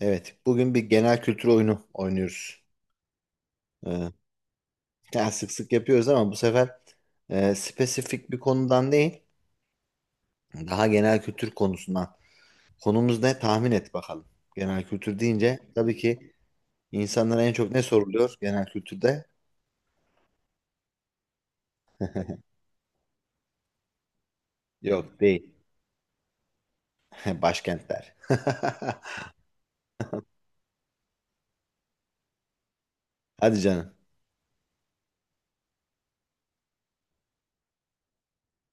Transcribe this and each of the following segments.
Evet, bugün bir genel kültür oyunu oynuyoruz. Ee, yani sık sık yapıyoruz ama bu sefer spesifik bir konudan değil, daha genel kültür konusundan. Konumuz ne? Tahmin et bakalım. Genel kültür deyince tabii ki insanlara en çok ne soruluyor genel kültürde? Yok değil. Başkentler. Hadi canım.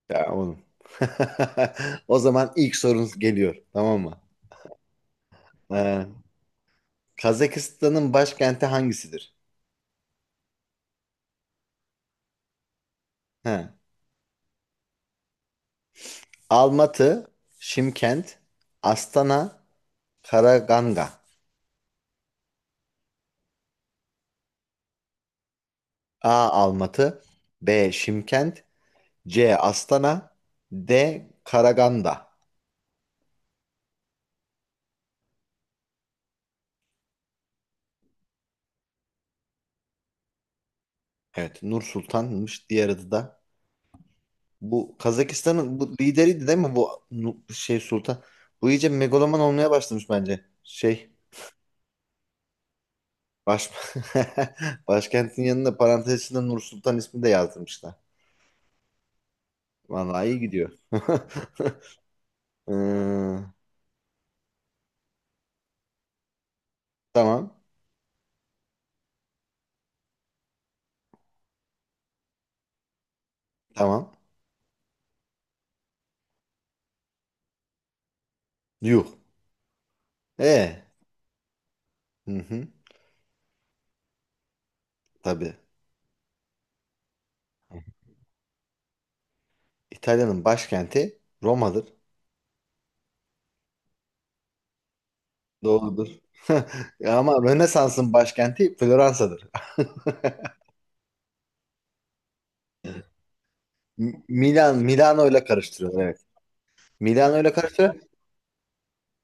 Ya oğlum. O zaman ilk sorunuz geliyor, tamam mı? Ee, Kazakistan'ın başkenti hangisidir? He. Almatı, Şimkent, Astana, Karaganda. A. Almatı, B. Şimkent, C. Astana, D. Karaganda. Evet, Nur Sultan'mış diğer adı da. Bu Kazakistan'ın bu lideriydi değil mi bu Sultan? Bu iyice megaloman olmaya başlamış bence. Baş... başkentin yanında parantez içinde Nur Sultan ismini de yazdırmışlar. Vallahi iyi gidiyor. Hmm, tamam, tamam. Yuh. E. Hı hı, tabii. İtalya'nın başkenti Roma'dır. Doğrudur. Ama Rönesans'ın başkenti Floransa'dır. Milan, Milano ile karıştırıyorlar, evet. Milano ile karıştırıyor.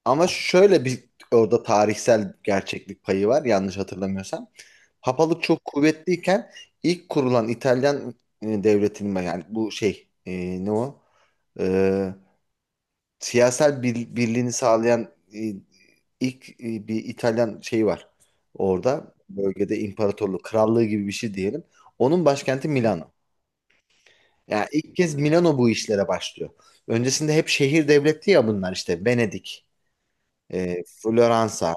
Ama şöyle bir orada tarihsel gerçeklik payı var yanlış hatırlamıyorsam. Papalık çok kuvvetliyken ilk kurulan İtalyan devletinin, yani bu ne o? E, siyasal birliğini sağlayan ilk bir İtalyan şeyi var. Orada bölgede imparatorluk, krallığı gibi bir şey diyelim. Onun başkenti Milano. Yani ilk kez Milano bu işlere başlıyor. Öncesinde hep şehir devletti ya bunlar, işte Venedik, Floransa,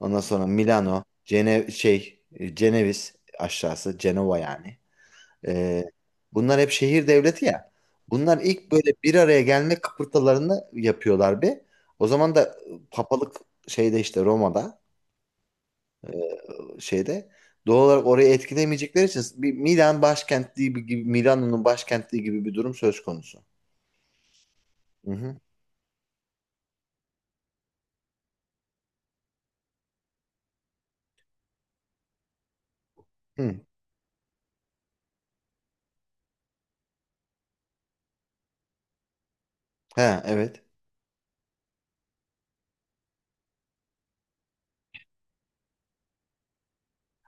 ondan sonra Milano, Ceneviz aşağısı, Cenova yani. Ee, bunlar hep şehir devleti ya. Bunlar ilk böyle bir araya gelme kıpırtılarını yapıyorlar bir. O zaman da papalık şeyde, işte Roma'da, e, şeyde doğal olarak orayı etkilemeyecekleri için bir Milan başkentliği gibi, Milano'nun başkentliği gibi bir durum söz konusu. Hı hı. Hı. Ha evet.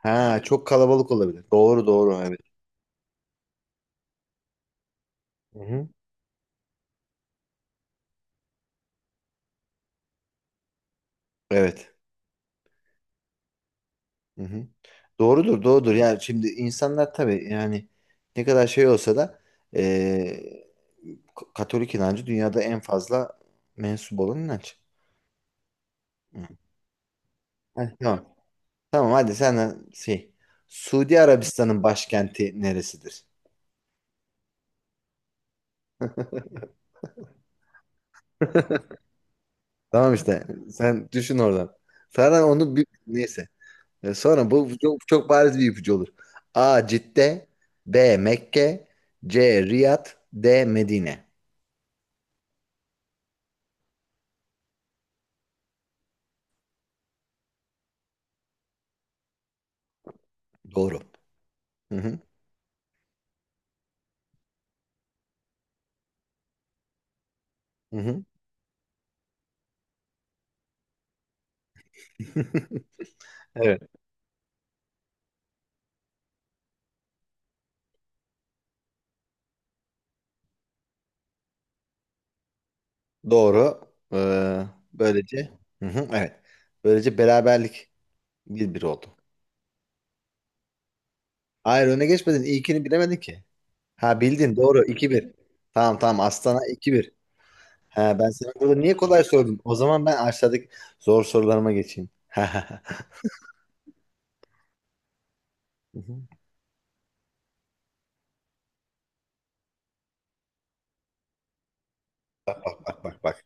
Ha çok kalabalık olabilir. Doğru doğru, evet. Hı hı. Evet. Hı hı. Doğrudur, doğrudur. Yani şimdi insanlar tabii yani ne kadar şey olsa da eee, Katolik inancı dünyada en fazla mensup olan inanç. Hı. Heh, tamam. Tamam hadi sen de şey. Suudi Arabistan'ın başkenti neresidir? Tamam işte. Sen düşün oradan. Sonra onu bir neyse. E, sonra bu çok, çok bariz bir ipucu olur. A. Cidde, B. Mekke, C. Riyad, D. Medine. Doğru. Hı hı. Hı hı. Evet, doğru. Ee, böylece hı hı, evet. Böylece beraberlik 1-1 oldu. Hayır öne geçmedin. İlkini bilemedin ki. Ha bildin, doğru, iki bir. Tamam tamam, Aslan'a iki bir. Ha ben sana burada niye kolay sordum? O zaman ben aşağıdaki zor sorularıma geçeyim. Hı hı. Bak bak bak.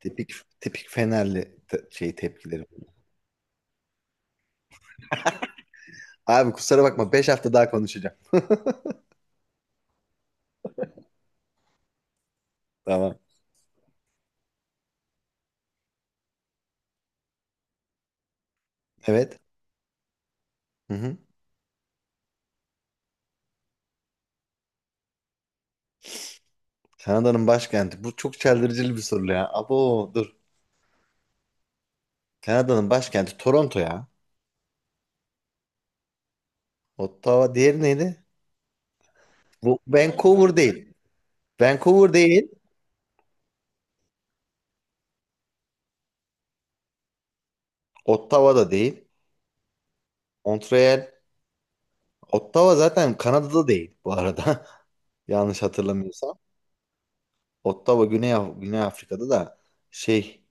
Tipik tipik Fenerli tepkileri. Abi kusura bakma 5 hafta daha konuşacağım. Tamam. Evet. Hı hı. Kanada'nın başkenti. Bu çok çeldiricili bir soru ya. Abo dur. Kanada'nın başkenti Toronto ya. Ottawa diğeri neydi? Bu Vancouver değil. Vancouver değil. Ottawa da değil. Montreal. Ottawa zaten Kanada'da değil bu arada. Yanlış hatırlamıyorsam. Ottawa Güney, Güney Afrika'da da şey.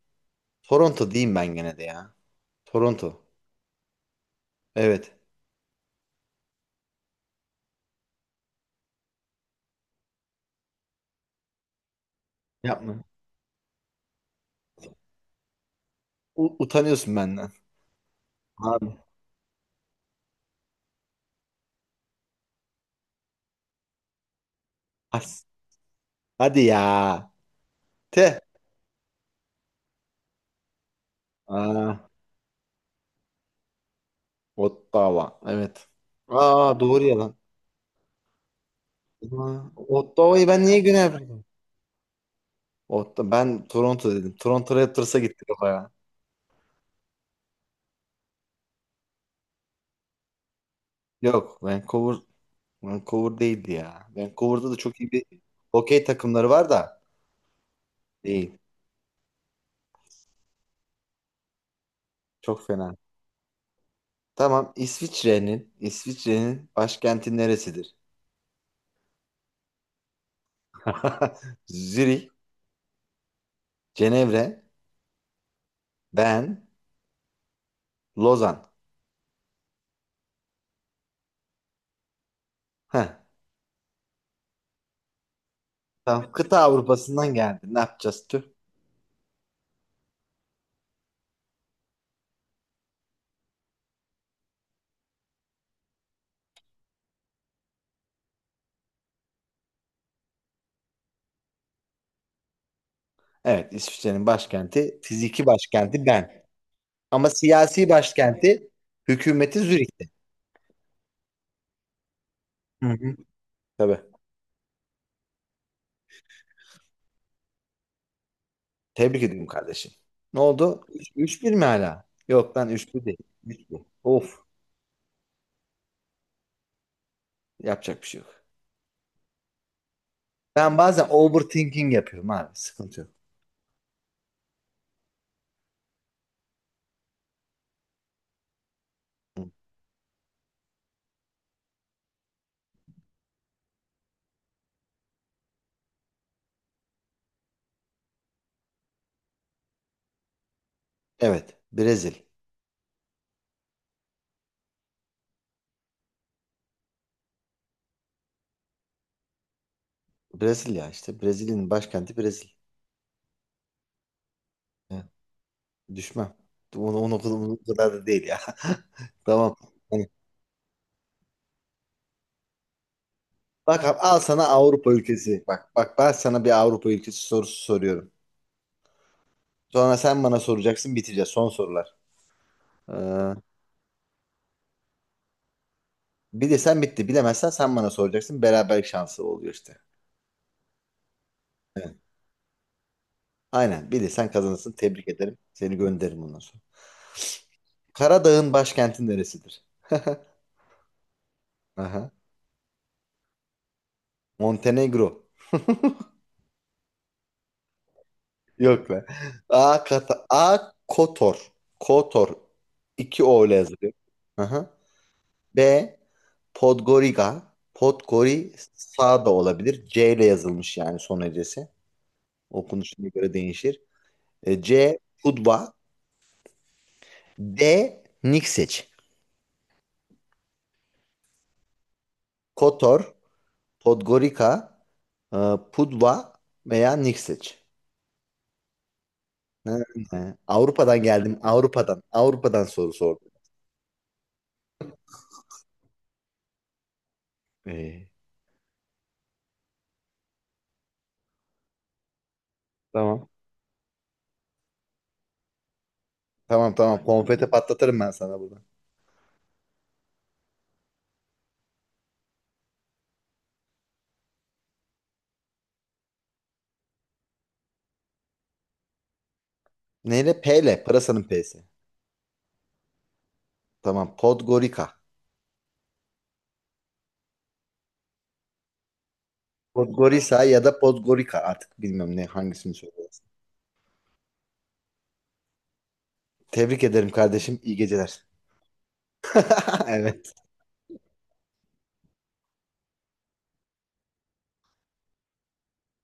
Toronto diyeyim ben gene de ya. Toronto. Evet. Yapma. Utanıyorsun benden. Abi. As. Hadi ya. Te. Aa, Ottawa. Evet. Aa doğru ya lan. Aa, Ottawa'yı ben niye Güney. O, ben Toronto dedim. Toronto Raptors'a gitti kafa ya. Yok Vancouver, Vancouver değildi ya. Vancouver'da da çok iyi bir hokey takımları var da değil. Çok fena. Tamam, İsviçre'nin başkenti neresidir? Zürih, Cenevre, Ben, Lozan. Heh, tamam, kıta Avrupa'sından geldi. Ne yapacağız tüh? Evet, İsviçre'nin başkenti, fiziki başkenti Ben. Ama siyasi başkenti, hükümeti Zürih'te. Hı hı. Tabii. Tebrik ediyorum kardeşim. Ne oldu? 3-1 mi hala? Yok lan üç bir değil. Üç bir. Of. Yapacak bir şey yok. Ben bazen overthinking yapıyorum abi. Sıkıntı yok. Hı. Evet. Brezil. Brezilya işte. Brezilya'nın başkenti Brezilya. He, düşmem. Onu o kadar da değil ya. Tamam. Hani, bak abi, al sana Avrupa ülkesi. Bak bak, ben sana bir Avrupa ülkesi sorusu soruyorum. Sonra sen bana soracaksın, biteceğiz. Son sorular. Bilirsen bitti. Bilemezsen sen bana soracaksın. Beraberlik şansı oluyor işte. Aynen, bilirsen kazanırsın. Tebrik ederim. Seni gönderirim ondan sonra. Karadağ'ın başkenti neresidir? Aha. Montenegro. Yok lan. A, Kata A, Kotor. Kotor. 2 O ile yazılıyor. Aha. B, Podgorica. Podgori sağ da olabilir. C ile yazılmış yani son hecesi. Okunuşuna göre değişir. E, C Pudva. D Nikseç. Kotor, Podgorica, e, Pudva veya Nikseç. Ha, ha. Avrupa'dan geldim. Avrupa'dan. Avrupa'dan soru sordum. Ee, tamam. Tamam tamam. Konfeti patlatırım ben sana burada. Neyle? P ile. Pırasanın P'si. Tamam. Podgorica. Podgorica ya da Podgorica. Artık bilmiyorum ne hangisini söylüyorum. Tebrik ederim kardeşim. İyi geceler. Evet.